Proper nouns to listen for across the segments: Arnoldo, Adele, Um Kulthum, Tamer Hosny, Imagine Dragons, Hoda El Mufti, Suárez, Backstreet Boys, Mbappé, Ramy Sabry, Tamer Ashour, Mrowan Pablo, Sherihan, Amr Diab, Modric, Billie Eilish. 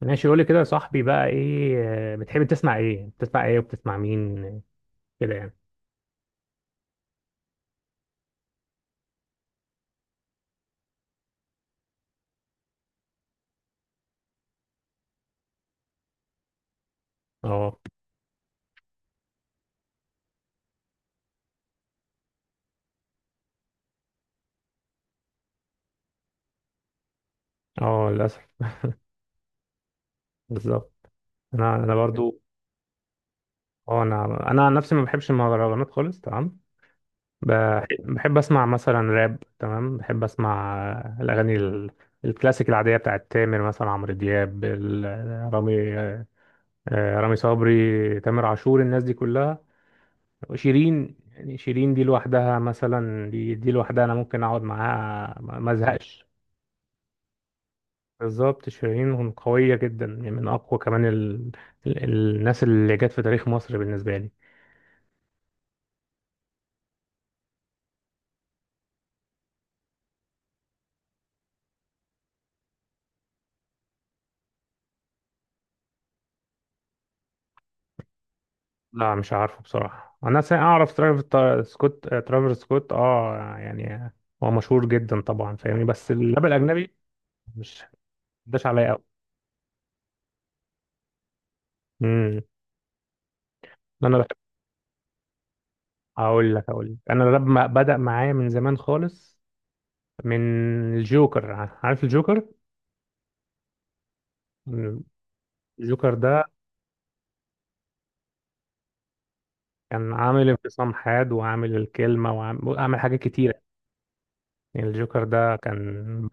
ماشي قولي كده يا صاحبي بقى ايه. بتحب تسمع ايه بتسمع ايه وبتسمع مين كده يعني. اه اه للاسف. بالظبط. انا برضو. اه انا عن نفسي ما بحبش المهرجانات خالص. تمام. بحب اسمع مثلا راب. تمام بحب اسمع الاغاني الكلاسيك العاديه بتاعت تامر مثلا عمرو دياب رامي، رامي صبري تامر عاشور الناس دي كلها. شيرين، يعني شيرين دي لوحدها، مثلا دي لوحدها انا ممكن اقعد معاها ما ازهقش. بالظبط شيرين قوية جدا، يعني من أقوى كمان ال... الناس اللي جت في تاريخ مصر بالنسبة لي. لا مش عارفه بصراحة، أنا أعرف سكوت، ترافر سكوت أه يعني. هو مشهور جدا طبعا فاهمني، بس الراب الأجنبي مش داش عليا أوي. امم أنا بحب. أقول لك أنا الراب بدأ معايا من زمان خالص، من الجوكر، عارف الجوكر؟ الجوكر ده كان عامل انفصام حاد، وعامل الكلمة، وعامل حاجات كتيرة. يعني الجوكر ده كان،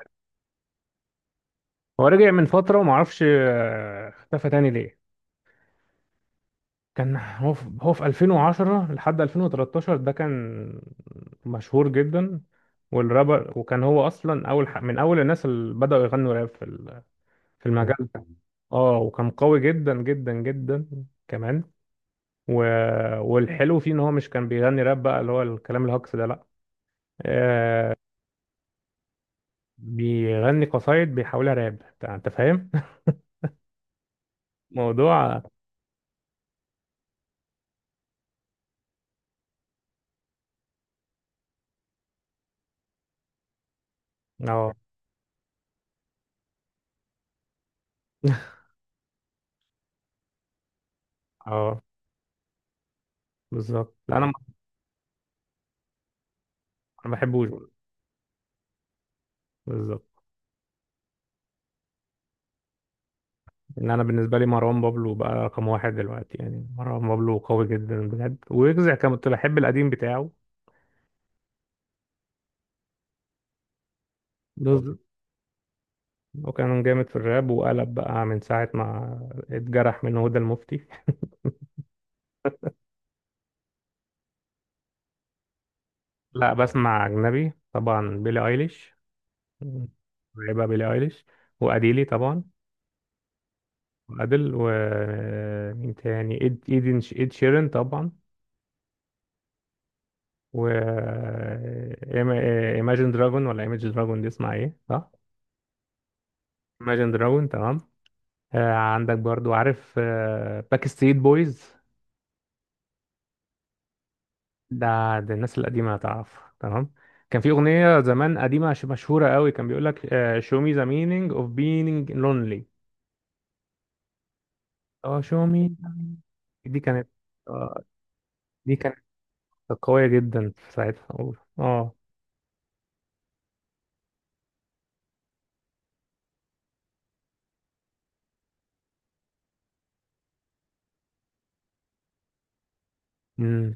هو رجع من فترة ومعرفش اختفى تاني ليه. كان هو في 2010 لحد 2013، ده كان مشهور جدا والرابر، وكان هو أصلا أول من أول الناس اللي بدأوا يغنوا راب في في المجال ده. اه وكان قوي جدا جدا جدا كمان، و... والحلو فيه إن هو مش كان بيغني راب بقى اللي هو الكلام الهجص ده، لأ. آه، بيغني قصايد بيحولها راب. أنت فاهم؟ موضوع. اه اه بالظبط. لا انا يعني ما بحبوش برضه. بالظبط. ان انا بالنسبه لي مروان بابلو بقى رقم واحد دلوقتي، يعني مروان بابلو قوي جدا بجد، ويجزع كنت بحب القديم بتاعه. بالظبط. وكان جامد في الراب، وقلب بقى من ساعه ما اتجرح من هدى المفتي. لا بسمع اجنبي طبعا، بيلي ايليش بقى، بيلي ايليش، واديلي طبعا، وادل، ومين تاني، ايدن، ايد شيرين طبعا. و إيما- إيماجين دراجون، ولا ايماجين دراجون، دي اسمها ايه صح؟ Imagine Dragon، تمام. آه عندك برضو عارف آه باك ستريت بويز. ده ده الناس القديمة هتعرف، تمام. كان في أغنية زمان قديمة مشهورة قوي، كان بيقول لك آه show me the meaning of being lonely. اه show me. دي كانت، آه، دي كانت قوية جدا في ساعتها. اه. مم.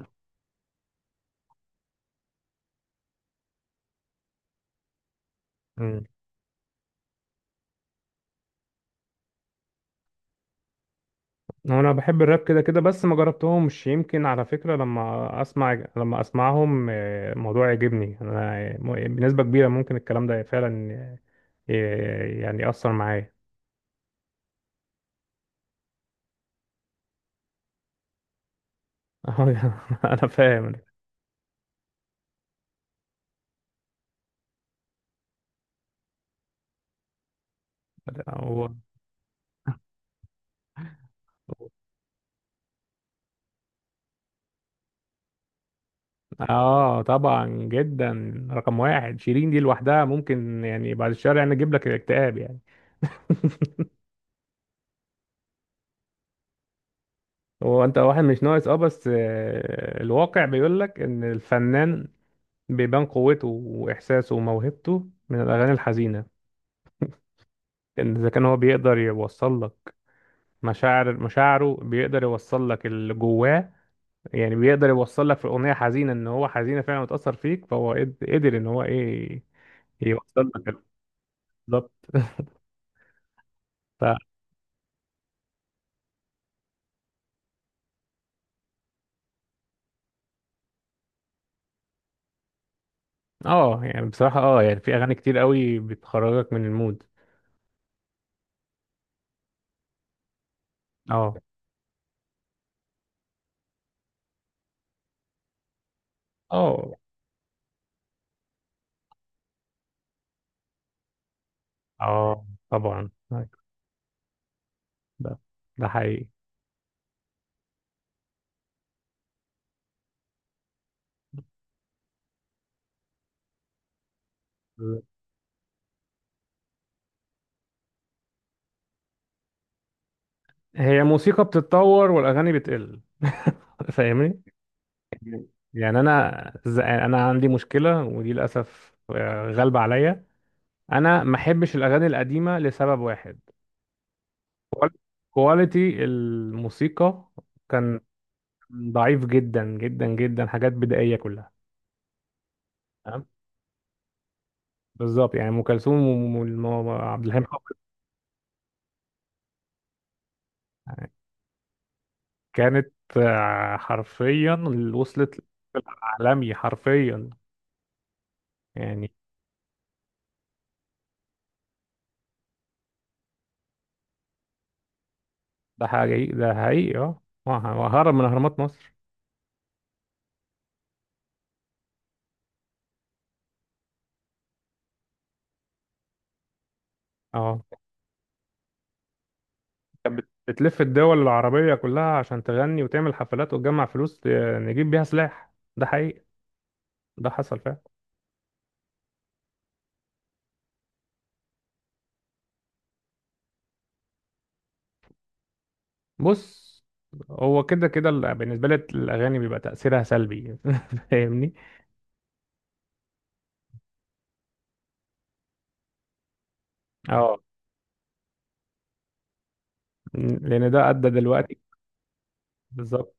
هو انا بحب الراب كده كده، بس ما جربتهمش، يمكن على فكرة لما اسمع، لما اسمعهم الموضوع يعجبني انا، بنسبة كبيرة ممكن الكلام ده فعلا يعني يأثر معايا. انا فاهم. هو اه طبعا جدا، رقم واحد شيرين دي لوحدها ممكن يعني بعد الشهر يعني اجيب لك اكتئاب يعني. هو انت واحد مش ناقص، اه، بس الواقع بيقول لك ان الفنان بيبان قوته وإحساسه وموهبته من الأغاني الحزينة. لأن إذا كان هو بيقدر يوصل لك مشاعره بيقدر يوصل لك اللي جواه، يعني بيقدر يوصل لك في أغنية حزينة إن هو حزينة فعلا متأثر فيك، فهو قدر إن هو إيه يوصل لك بالظبط. ف اه يعني بصراحة اه يعني في أغاني كتير قوي بتخرجك من المود. اه اه اه طبعا أيوة،. ده ده حقيقي. هي موسيقى بتتطور والأغاني بتقل. فاهمني. يعني انا انا عندي مشكله ودي للاسف غالبه عليا. انا ما احبش الاغاني القديمه لسبب واحد، كواليتي الموسيقى كان ضعيف جدا جدا جدا، حاجات بدائيه كلها. تمام بالظبط، يعني ام كلثوم وعبد الحليم حافظ كانت حرفيا وصلت العالمي حرفيا يعني. ده حقيقي ده حقيقي. اه وهرب من اهرامات مصر. اه كانت بتلف الدول العربية كلها عشان تغني وتعمل حفلات وتجمع فلوس نجيب بيها سلاح. ده حقيقي، ده حصل فعلا. بص هو كده كده بالنسبة لي الأغاني بيبقى تأثيرها سلبي. فاهمني؟ اه لأن ده أدى دلوقتي. بالظبط.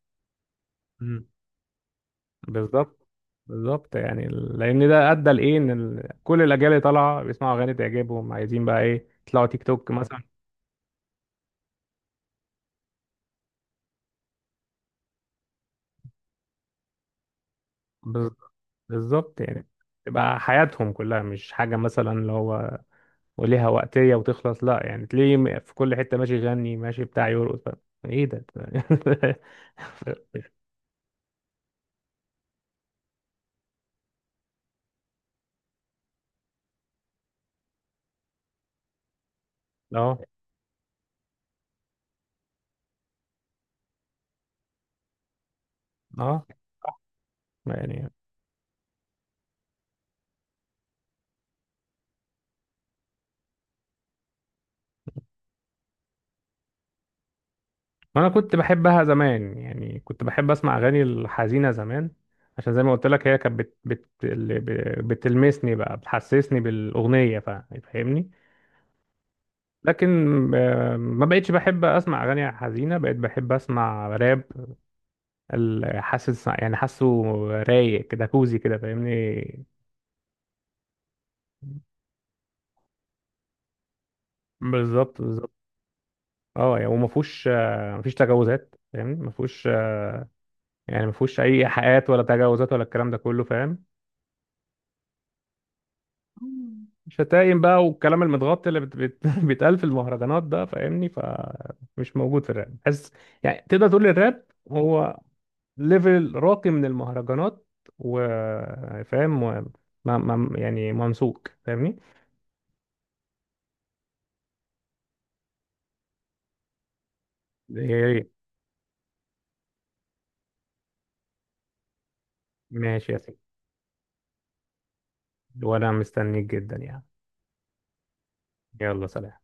مم. بالظبط بالظبط، يعني لأن ده أدى لإيه، إن كل الأجيال اللي طالعة بيسمعوا أغاني تعجبهم عايزين بقى إيه يطلعوا تيك توك مثلا. بالظبط بالظبط يعني تبقى حياتهم كلها، مش حاجة مثلا اللي هو وليها وقتية وتخلص، لا يعني تلاقيه في كل حتة ماشي يغني ماشي بتاع يرقص بقى. ايه ده اه اه يعني. انا كنت بحبها زمان، يعني كنت بحب اسمع اغاني الحزينة زمان، عشان زي ما قلت لك هي كانت اللي بتلمسني بقى بتحسسني بالأغنية فاهمني. لكن ما بقتش بحب اسمع اغاني حزينة، بقيت بحب اسمع راب حاسس يعني حاسه رايق كده، كوزي كده فاهمني. بالظبط بالظبط. اه يعني وما فيهوش ما فيش تجاوزات فاهمني، ما فيهوش يعني ما فيهوش اي ايحاءات ولا تجاوزات ولا الكلام ده كله فاهم. شتايم بقى والكلام المتغطي اللي بيتقال في المهرجانات ده فاهمني، فمش موجود في الراب. بس يعني تقدر تقول الراب هو ليفل راقي من المهرجانات، وفاهم و... ما... ما... يعني ممسوك فاهمني. إيه،. ماشي يا سيدي وانا مستنيك جدا يعني. يلا سلام.